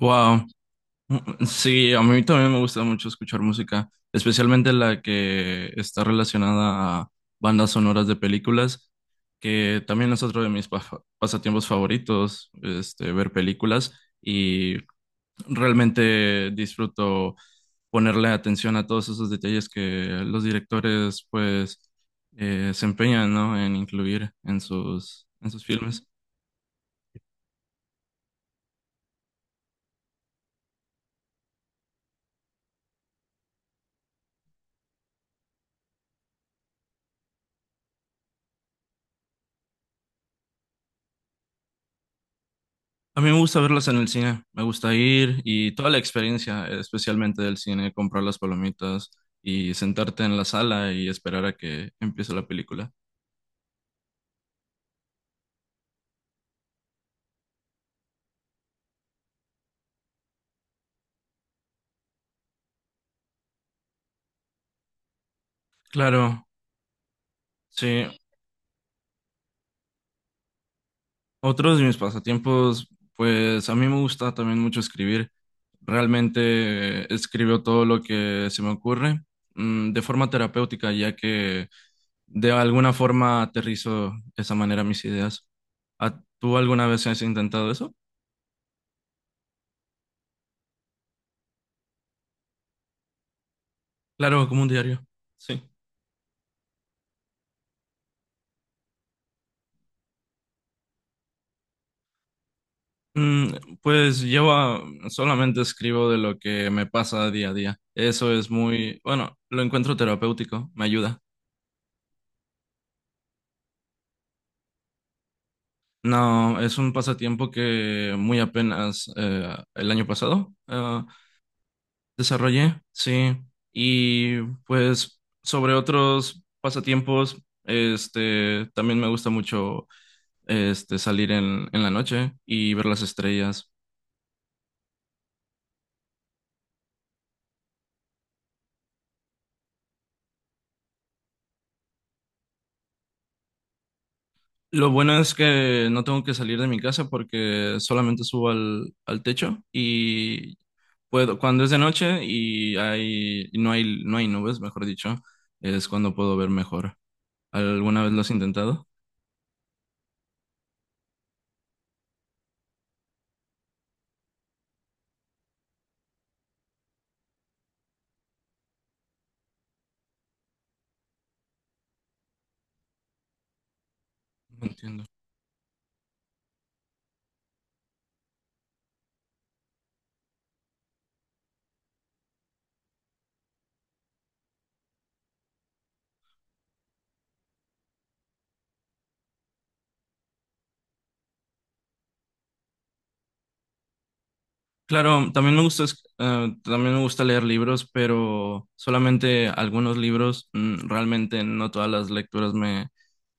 Wow, sí, a mí también me gusta mucho escuchar música, especialmente la que está relacionada a bandas sonoras de películas, que también es otro de mis pasatiempos favoritos, este, ver películas y realmente disfruto ponerle atención a todos esos detalles que los directores pues se empeñan, ¿no? En incluir en sus filmes. A mí me gusta verlas en el cine, me gusta ir y toda la experiencia, especialmente del cine, comprar las palomitas y sentarte en la sala y esperar a que empiece la película. Claro, sí. Otros de mis pasatiempos, pues a mí me gusta también mucho escribir. Realmente escribo todo lo que se me ocurre, de forma terapéutica, ya que de alguna forma aterrizo de esa manera mis ideas. ¿Tú alguna vez has intentado eso? Claro, como un diario. Sí. Mm, pues yo solamente escribo de lo que me pasa día a día. Eso es muy, bueno, lo encuentro terapéutico, me ayuda. No, es un pasatiempo que muy apenas el año pasado desarrollé, sí. Y pues sobre otros pasatiempos, este, también me gusta mucho este, salir en la noche y ver las estrellas. Lo bueno es que no tengo que salir de mi casa porque solamente subo al techo y puedo, cuando es de noche y no hay nubes, mejor dicho, es cuando puedo ver mejor. ¿Alguna vez lo has intentado? No entiendo. Claro, también me gusta, también me gusta leer libros, pero solamente algunos libros, mm, realmente no todas las lecturas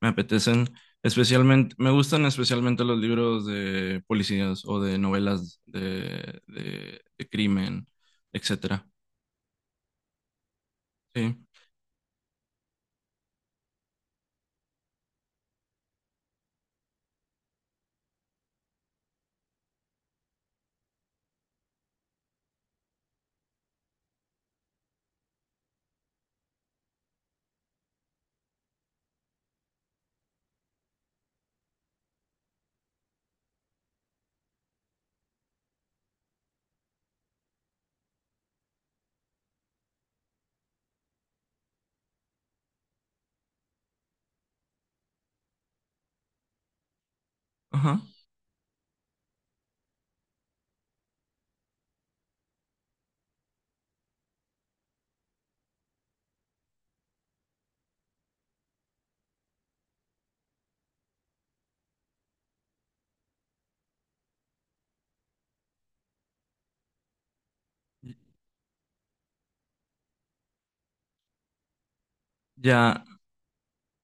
me apetecen. Especialmente, me gustan especialmente los libros de policías o de novelas de crimen, etcétera. Sí. Ajá. Ya,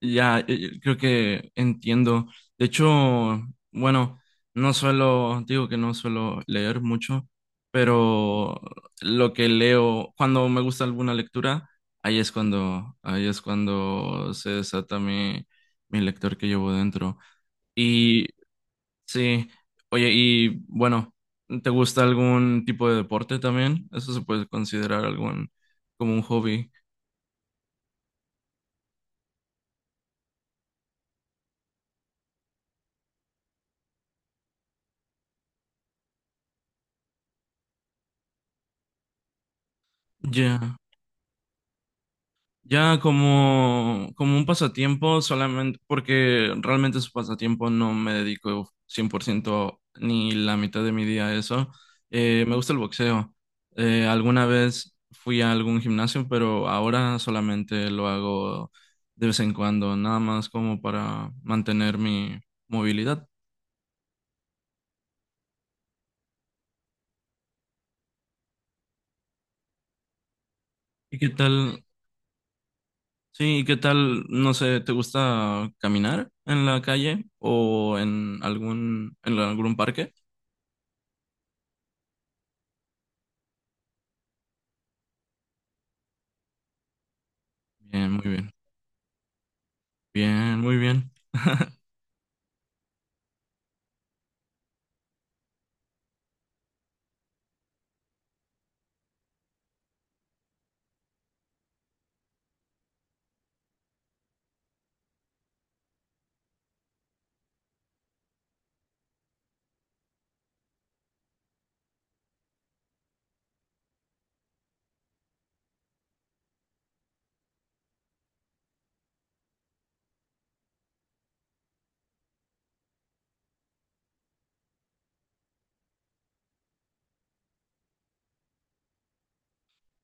ya, creo que entiendo. De hecho, bueno, digo que no suelo leer mucho, pero lo que leo, cuando me gusta alguna lectura, ahí es cuando se desata mi, mi lector que llevo dentro. Y sí, oye, y bueno, ¿te gusta algún tipo de deporte también? Eso se puede considerar algún, como un hobby. Ya. Ya como, como un pasatiempo solamente, porque realmente es un pasatiempo, no me dedico 100% ni la mitad de mi día a eso. Me gusta el boxeo. Alguna vez fui a algún gimnasio, pero ahora solamente lo hago de vez en cuando, nada más como para mantener mi movilidad. ¿Y qué tal? Sí, ¿y qué tal? No sé, ¿te gusta caminar en la calle o en algún parque? Bien, muy bien. Bien, muy bien.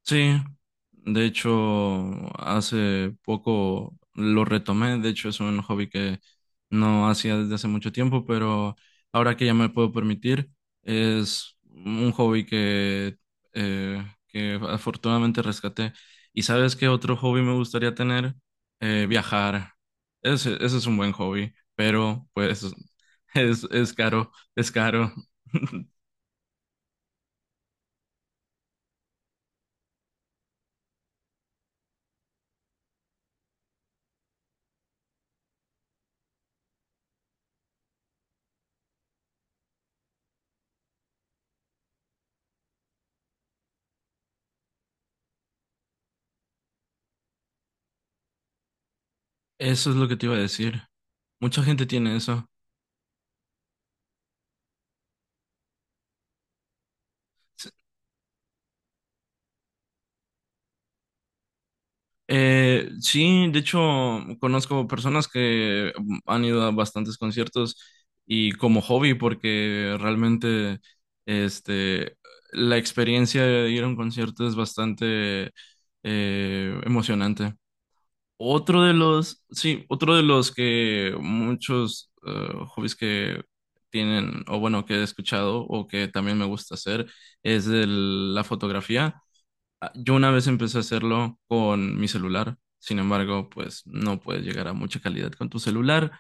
Sí, de hecho, hace poco lo retomé. De hecho, es un hobby que no hacía desde hace mucho tiempo, pero ahora que ya me puedo permitir, es un hobby que afortunadamente rescaté. ¿Y sabes qué otro hobby me gustaría tener? Viajar. Ese, ese es un buen hobby, pero pues es caro, es caro. Eso es lo que te iba a decir. Mucha gente tiene eso. Sí, de hecho, conozco personas que han ido a bastantes conciertos y como hobby, porque realmente este, la experiencia de ir a un concierto es bastante emocionante. Otro de los, sí, otro de los que muchos hobbies que tienen, o bueno, que he escuchado o que también me gusta hacer, es la fotografía. Ah, yo una vez empecé a hacerlo con mi celular, sin embargo, pues no puedes llegar a mucha calidad con tu celular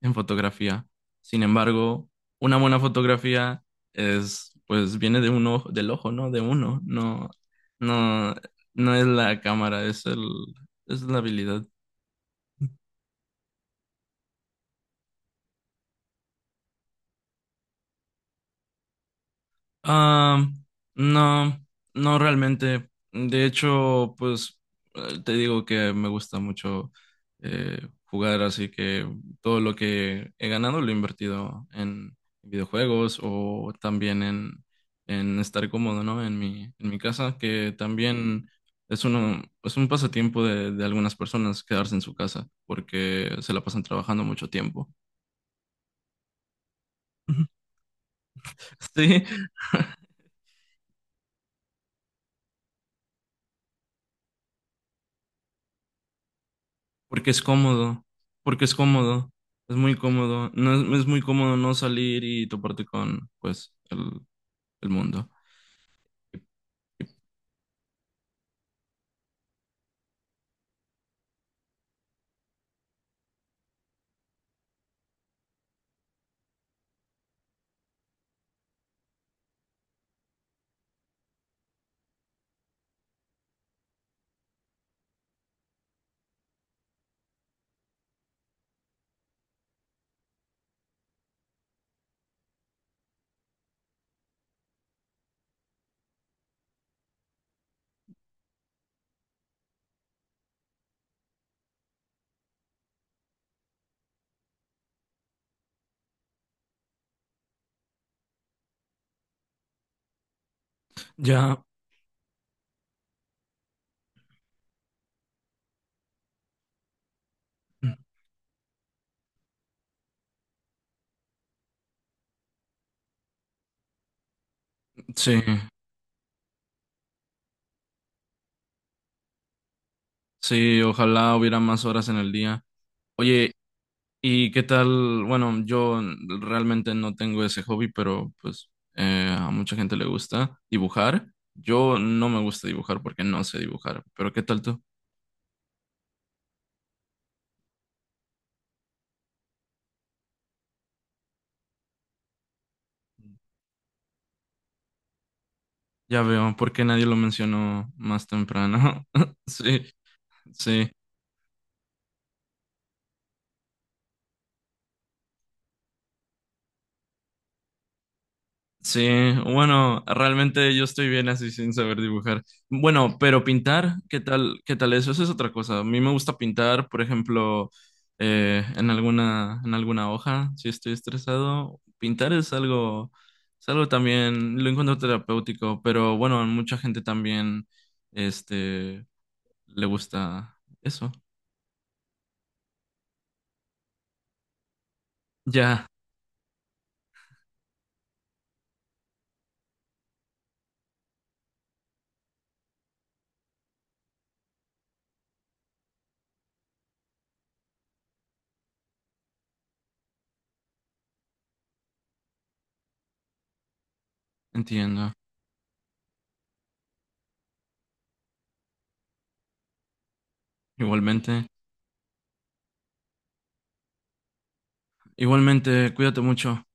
en fotografía. Sin embargo, una buena fotografía es, pues viene de un ojo, del ojo, ¿no? De uno, no, no, no es la cámara, es el, es la habilidad. Ah, no, no realmente. De hecho, pues te digo que me gusta mucho jugar, así que todo lo que he ganado lo he invertido en videojuegos o también en estar cómodo, ¿no? En mi casa, que también es un pasatiempo de algunas personas quedarse en su casa porque se la pasan trabajando mucho tiempo. Sí. Porque es cómodo, porque es cómodo, es muy cómodo, no es, es muy cómodo no salir y toparte con, pues, el mundo. Ya, sí, sí, ojalá hubiera más horas en el día. Oye, ¿y qué tal? Bueno, yo realmente no tengo ese hobby, pero pues a mucha gente le gusta dibujar. Yo no me gusta dibujar porque no sé dibujar, pero ¿qué tal tú? Ya veo, ¿por qué nadie lo mencionó más temprano? Sí, sí. Sí, bueno, realmente yo estoy bien así sin saber dibujar. Bueno, pero pintar, ¿qué tal? ¿Qué tal eso? Eso es otra cosa. A mí me gusta pintar, por ejemplo, en alguna hoja, si estoy estresado. Pintar es algo también, lo encuentro terapéutico, pero bueno, a mucha gente también, este, le gusta eso. Ya, entiendo. Igualmente, igualmente, cuídate mucho.